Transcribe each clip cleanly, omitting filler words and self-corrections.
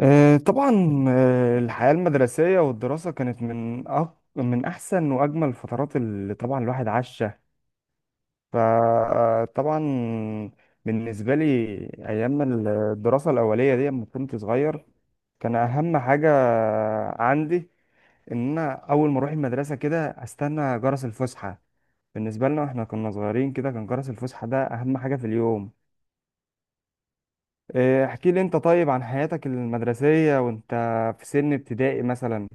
آه، طبعا. الحياة المدرسية والدراسة كانت من من أحسن وأجمل الفترات اللي طبعا الواحد عاشها. فطبعا بالنسبة لي أيام الدراسة الأولية دي لما كنت صغير كان أهم حاجة عندي إن أنا أول ما أروح المدرسة كده أستنى جرس الفسحة. بالنسبة لنا إحنا كنا صغيرين كده، كان جرس الفسحة ده أهم حاجة في اليوم. احكي لي أنت طيب عن حياتك المدرسية وأنت في سن ابتدائي مثلا.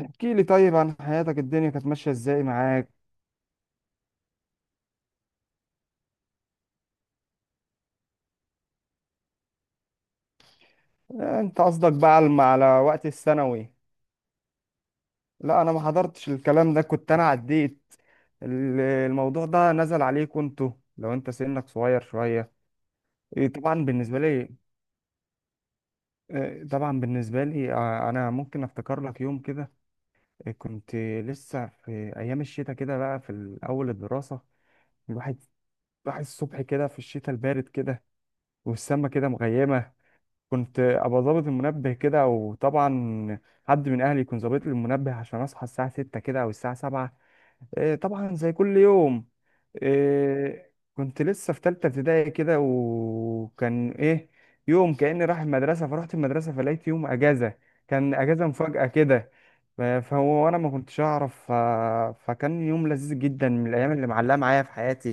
احكي لي طيب عن حياتك، الدنيا كانت ماشية ازاي معاك. انت قصدك بقى على وقت الثانوي. لا انا ما حضرتش الكلام ده، كنت انا عديت. الموضوع ده نزل عليك انتوا لو انت سنك صغير شوية. إيه، طبعا بالنسبة لي. انا ممكن افتكر لك يوم كده. كنت لسه في ايام الشتاء كده بقى في اول الدراسة. الواحد راح الصبح كده في الشتاء البارد كده، والسما كده مغيمة. كنت ابقى ظابط المنبه كده، وطبعا حد من اهلي يكون ظابط لي المنبه عشان اصحى الساعه 6 كده او الساعه 7. طبعا زي كل يوم. آه، كنت لسه في تالتة ابتدائي كده، وكان ايه، يوم كأني رايح المدرسة فرحت المدرسة فلقيت يوم اجازة، كان اجازة مفاجأة كده. فهو وانا ما كنتش اعرف. فكان يوم لذيذ جدا من الايام اللي معلقة معايا في حياتي،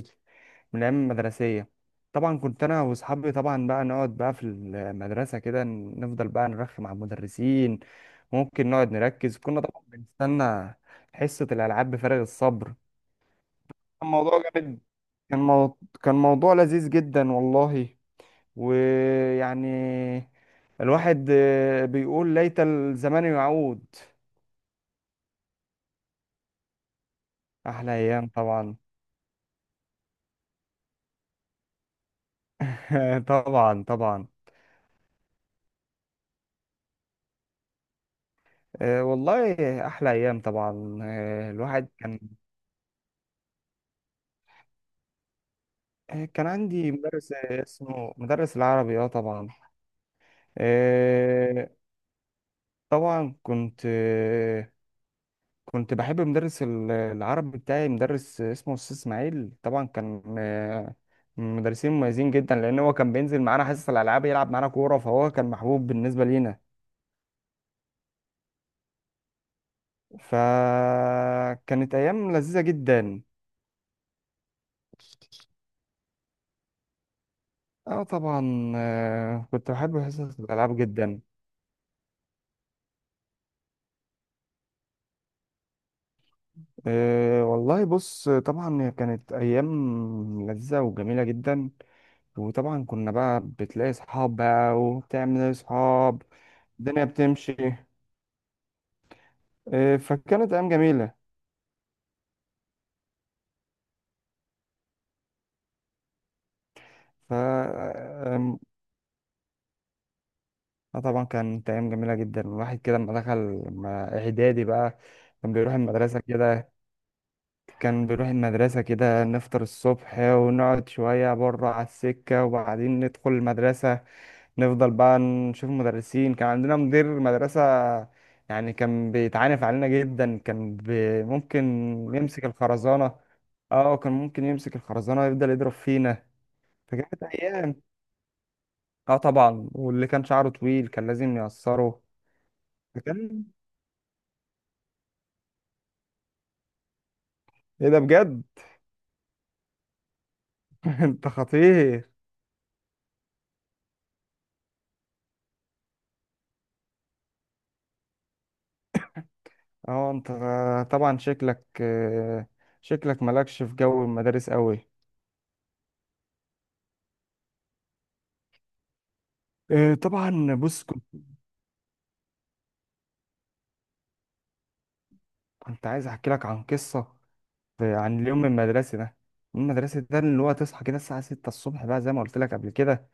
من الايام المدرسية. طبعا كنت انا واصحابي، طبعا بقى نقعد بقى في المدرسة كده نفضل بقى نرخم على المدرسين، ممكن نقعد نركز. كنا طبعا بنستنى حصة الألعاب بفارغ الصبر. كان موضوع جامد، كان موضوع لذيذ جدا والله. ويعني الواحد بيقول ليت الزمان يعود. أحلى أيام طبعا. طبعا طبعا. والله أحلى أيام طبعا. آه، الواحد كان آه، كان عندي مدرس اسمه مدرس العربي، اه طبعا. آه، طبعا كنت كنت بحب مدرس العربي بتاعي، مدرس اسمه أستاذ إسماعيل. طبعا كان من مدرسين مميزين جدا، لأن هو كان بينزل معانا حصص الألعاب يلعب معانا كورة، فهو كان محبوب بالنسبة لينا. فكانت أيام لذيذة جدا. اه طبعا، كنت بحب حصص الالعاب جدا. أه والله بص، طبعا هي كانت ايام لذيذه وجميله جدا، وطبعا كنا بقى بتلاقي صحاب بقى وبتعمل صحاب. الدنيا بتمشي. إيه، فكانت أيام جميلة. ف آم، طبعا كانت أيام جميلة جدا. الواحد كده لما إعدادي بقى كان بيروح المدرسة كده كان بيروح المدرسة كده، نفطر الصبح ونقعد شوية بره على السكة وبعدين ندخل المدرسة. نفضل بقى نشوف مدرسين، كان عندنا مدير مدرسة يعني كان بيتعانف علينا جدا، كان بي ممكن يمسك الخرزانة. اه كان ممكن يمسك الخرزانة ويفضل يضرب فينا، فكانت أيام. اه طبعا، واللي كان شعره طويل كان لازم يقصره. ده كان ايه ده بجد! انت خطير. اه انت طبعا شكلك شكلك مالكش في جو المدارس قوي. طبعا بص، كنت كنت عايز احكي لك عن قصه، عن اليوم المدرسي ده، المدرسي ده اللي هو تصحى كده الساعه 6 الصبح بقى زي ما قلت لك قبل كده.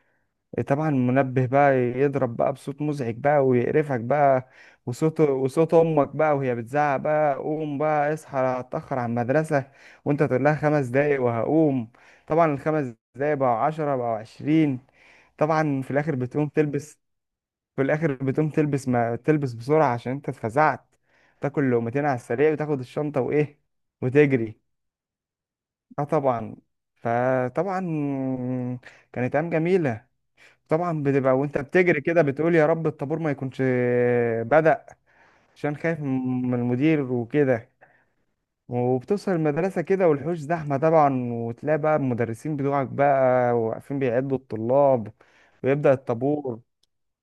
طبعا المنبه بقى يضرب بقى بصوت مزعج بقى ويقرفك بقى، وصوت امك بقى وهي بتزعق بقى قوم بقى اصحى أنا هتاخر على المدرسه، وانت تقول لها خمس دقايق وهقوم. طبعا الخمس دقايق بقوا عشرة بقوا عشرين. طبعا في الاخر بتقوم تلبس، ما تلبس بسرعه عشان انت اتفزعت، تاكل لقمتين على السريع وتاخد الشنطه وايه وتجري. اه طبعا. فطبعا كانت ايام جميله. طبعا بتبقى وانت بتجري كده بتقول يا رب الطابور ما يكونش بدأ، عشان خايف من المدير وكده. وبتوصل المدرسة كده والحوش زحمة طبعا، وتلاقي بقى المدرسين بتوعك بقى واقفين بيعدوا الطلاب ويبدأ الطابور.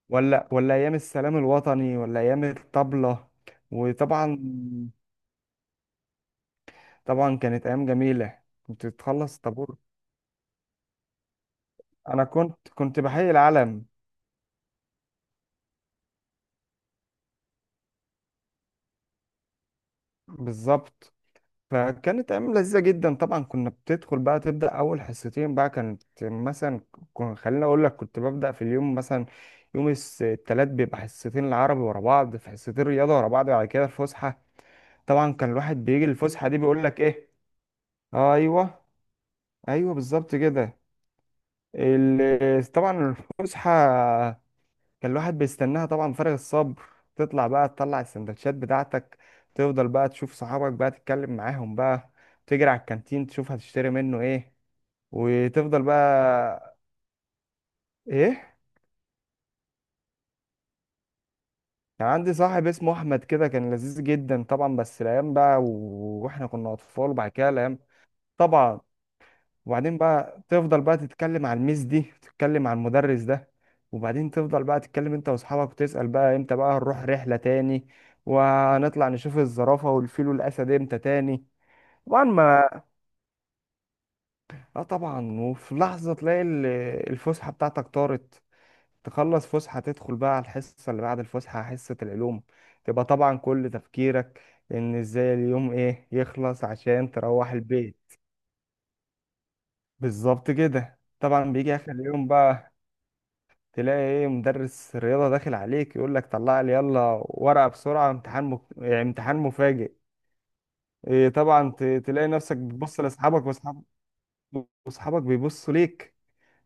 ولا أيام السلام الوطني ولا أيام الطبلة. وطبعا طبعا كانت أيام جميلة. كنت تخلص الطابور، أنا كنت، بحيي العلم. بالظبط. فكانت ايام لذيذه جدا. طبعا كنا بتدخل بقى تبدا اول حصتين بقى، كانت مثلا، خليني اقول لك كنت ببدا في اليوم مثلا يوم الثلاث بيبقى حصتين العربي ورا بعض، في حصتين رياضه ورا بعض، بعد كده الفسحه. طبعا كان الواحد بيجي الفسحه دي بيقول لك ايه. ايوه ايوه بالظبط كده. طبعا الفسحه كان الواحد بيستناها طبعا فارغ الصبر. تطلع السندوتشات بتاعتك، تفضل بقى تشوف صحابك بقى تتكلم معاهم بقى، تجري على الكانتين تشوف هتشتري منه ايه، وتفضل بقى ايه. كان عندي صاحب اسمه احمد كده، كان لذيذ جدا طبعا. بس الايام بقى واحنا كنا اطفال وبعد كده الايام. طبعا. وبعدين بقى تفضل بقى تتكلم على الميس دي، تتكلم على المدرس ده. وبعدين تفضل بقى تتكلم انت واصحابك وتسأل بقى امتى بقى هنروح رحلة تاني، وهنطلع نشوف الزرافة والفيل والأسد امتى تاني. طبعا ما اه طبعا. وفي لحظة تلاقي الفسحة بتاعتك طارت، تخلص فسحة تدخل بقى على الحصة اللي بعد الفسحة حصة العلوم. تبقى طبعا كل تفكيرك ان ازاي اليوم ايه يخلص عشان تروح البيت. بالظبط كده. طبعا بيجي اخر اليوم بقى، تلاقي ايه، مدرس رياضة داخل عليك يقول لك طلع لي يلا ورقة بسرعة امتحان يعني امتحان مفاجئ. إيه طبعا. تلاقي نفسك بتبص لاصحابك، واصحابك بيبصوا ليك،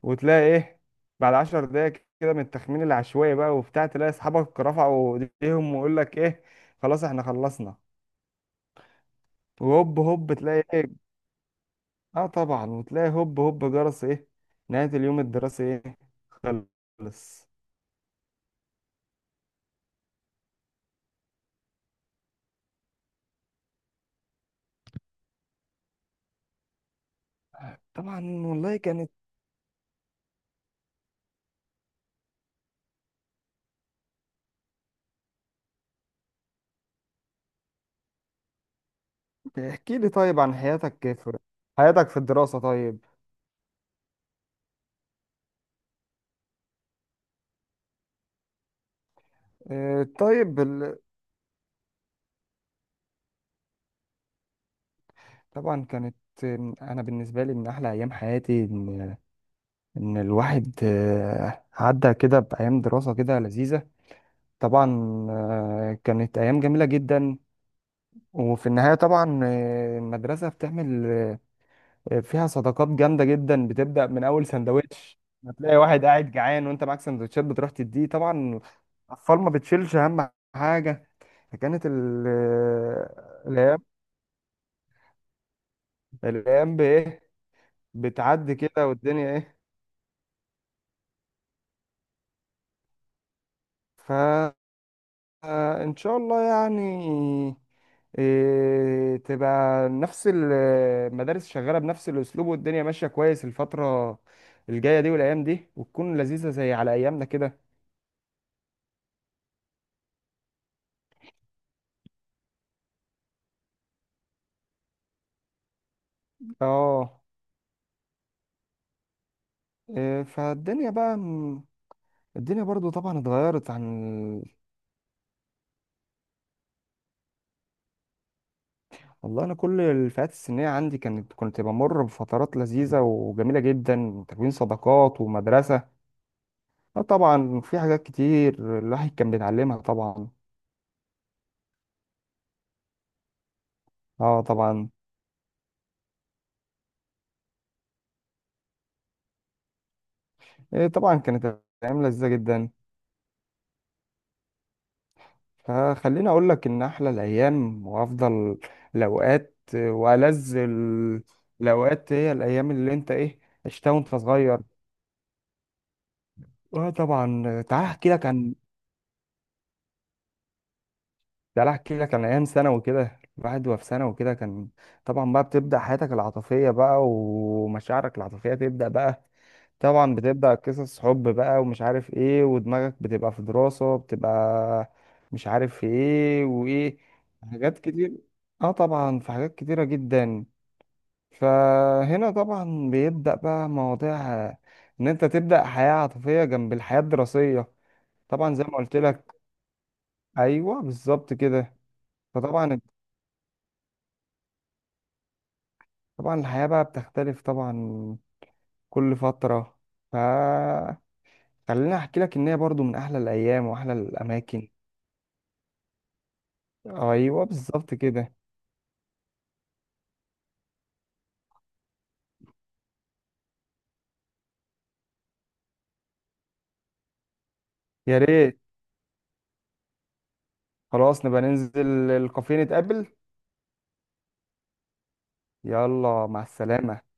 وتلاقي ايه بعد عشر دقايق كده من التخمين العشوائي بقى وبتاع، تلاقي اصحابك رفعوا ايديهم ويقول لك ايه خلاص احنا خلصنا. وهوب هوب تلاقي ايه. اه طبعا. وتلاقي هوب هوب جرس ايه، نهاية اليوم الدراسي ايه خلص. طبعا والله كانت. احكي لي طيب عن حياتك في، الدراسة طيب. آه، طيب ال... طبعا كانت. أنا بالنسبة لي من أحلى أيام حياتي إن الواحد عدى كده بأيام دراسة كده لذيذة. طبعا كانت أيام جميلة جدا. وفي النهاية طبعا المدرسة بتعمل فيها صداقات جامدة جدا بتبدأ من أول سندوتش. هتلاقي واحد قاعد جعان وأنت معاك سندوتشات بتروح تديه طبعا. الأطفال ما بتشيلش أهم حاجة. فكانت الايام، بايه بتعدي كده، والدنيا ايه. فان شاء الله يعني إيه، تبقى نفس المدارس شغاله بنفس الاسلوب، والدنيا ماشيه كويس الفتره الجايه دي والايام دي، وتكون لذيذه زي على ايامنا كده. اه. إيه فالدنيا بقى الدنيا برضو طبعا اتغيرت عن. والله انا كل الفئات السنيه عندي كانت، كنت بمر بفترات لذيذه وجميله جدا تكوين صداقات ومدرسه. آه طبعا في حاجات كتير الواحد كان بيتعلمها طبعا. اه طبعا. إيه طبعا كانت ايام لذيذه جدا. فخليني اقول لك ان احلى الايام وافضل الاوقات الاوقات هي الايام اللي انت ايه عشتها وانت صغير. اه طبعا، تعال احكي لك عن ده. لا، احكي لك عن ايام ثانوي كده. الواحد وهو في ثانوي كده كان طبعا بقى بتبدا حياتك العاطفيه بقى، ومشاعرك العاطفيه تبدا بقى. طبعا بتبدا قصص حب بقى ومش عارف ايه، ودماغك بتبقى في دراسه بتبقى مش عارف في ايه وايه. حاجات كتير. اه طبعا في حاجات كتيره جدا. فهنا طبعا بيبدا بقى مواضيع ان انت تبدا حياه عاطفيه جنب الحياه الدراسيه. طبعا زي ما قلت لك. ايوه بالظبط كده. فطبعا طبعا الحياة بقى بتختلف طبعا كل فترة. ف خليني احكي لك ان هي برضو من احلى الايام واحلى الاماكن. ايوه بالظبط كده. يا ريت. خلاص نبقى ننزل الكافيه نتقابل. يلا مع السلامة.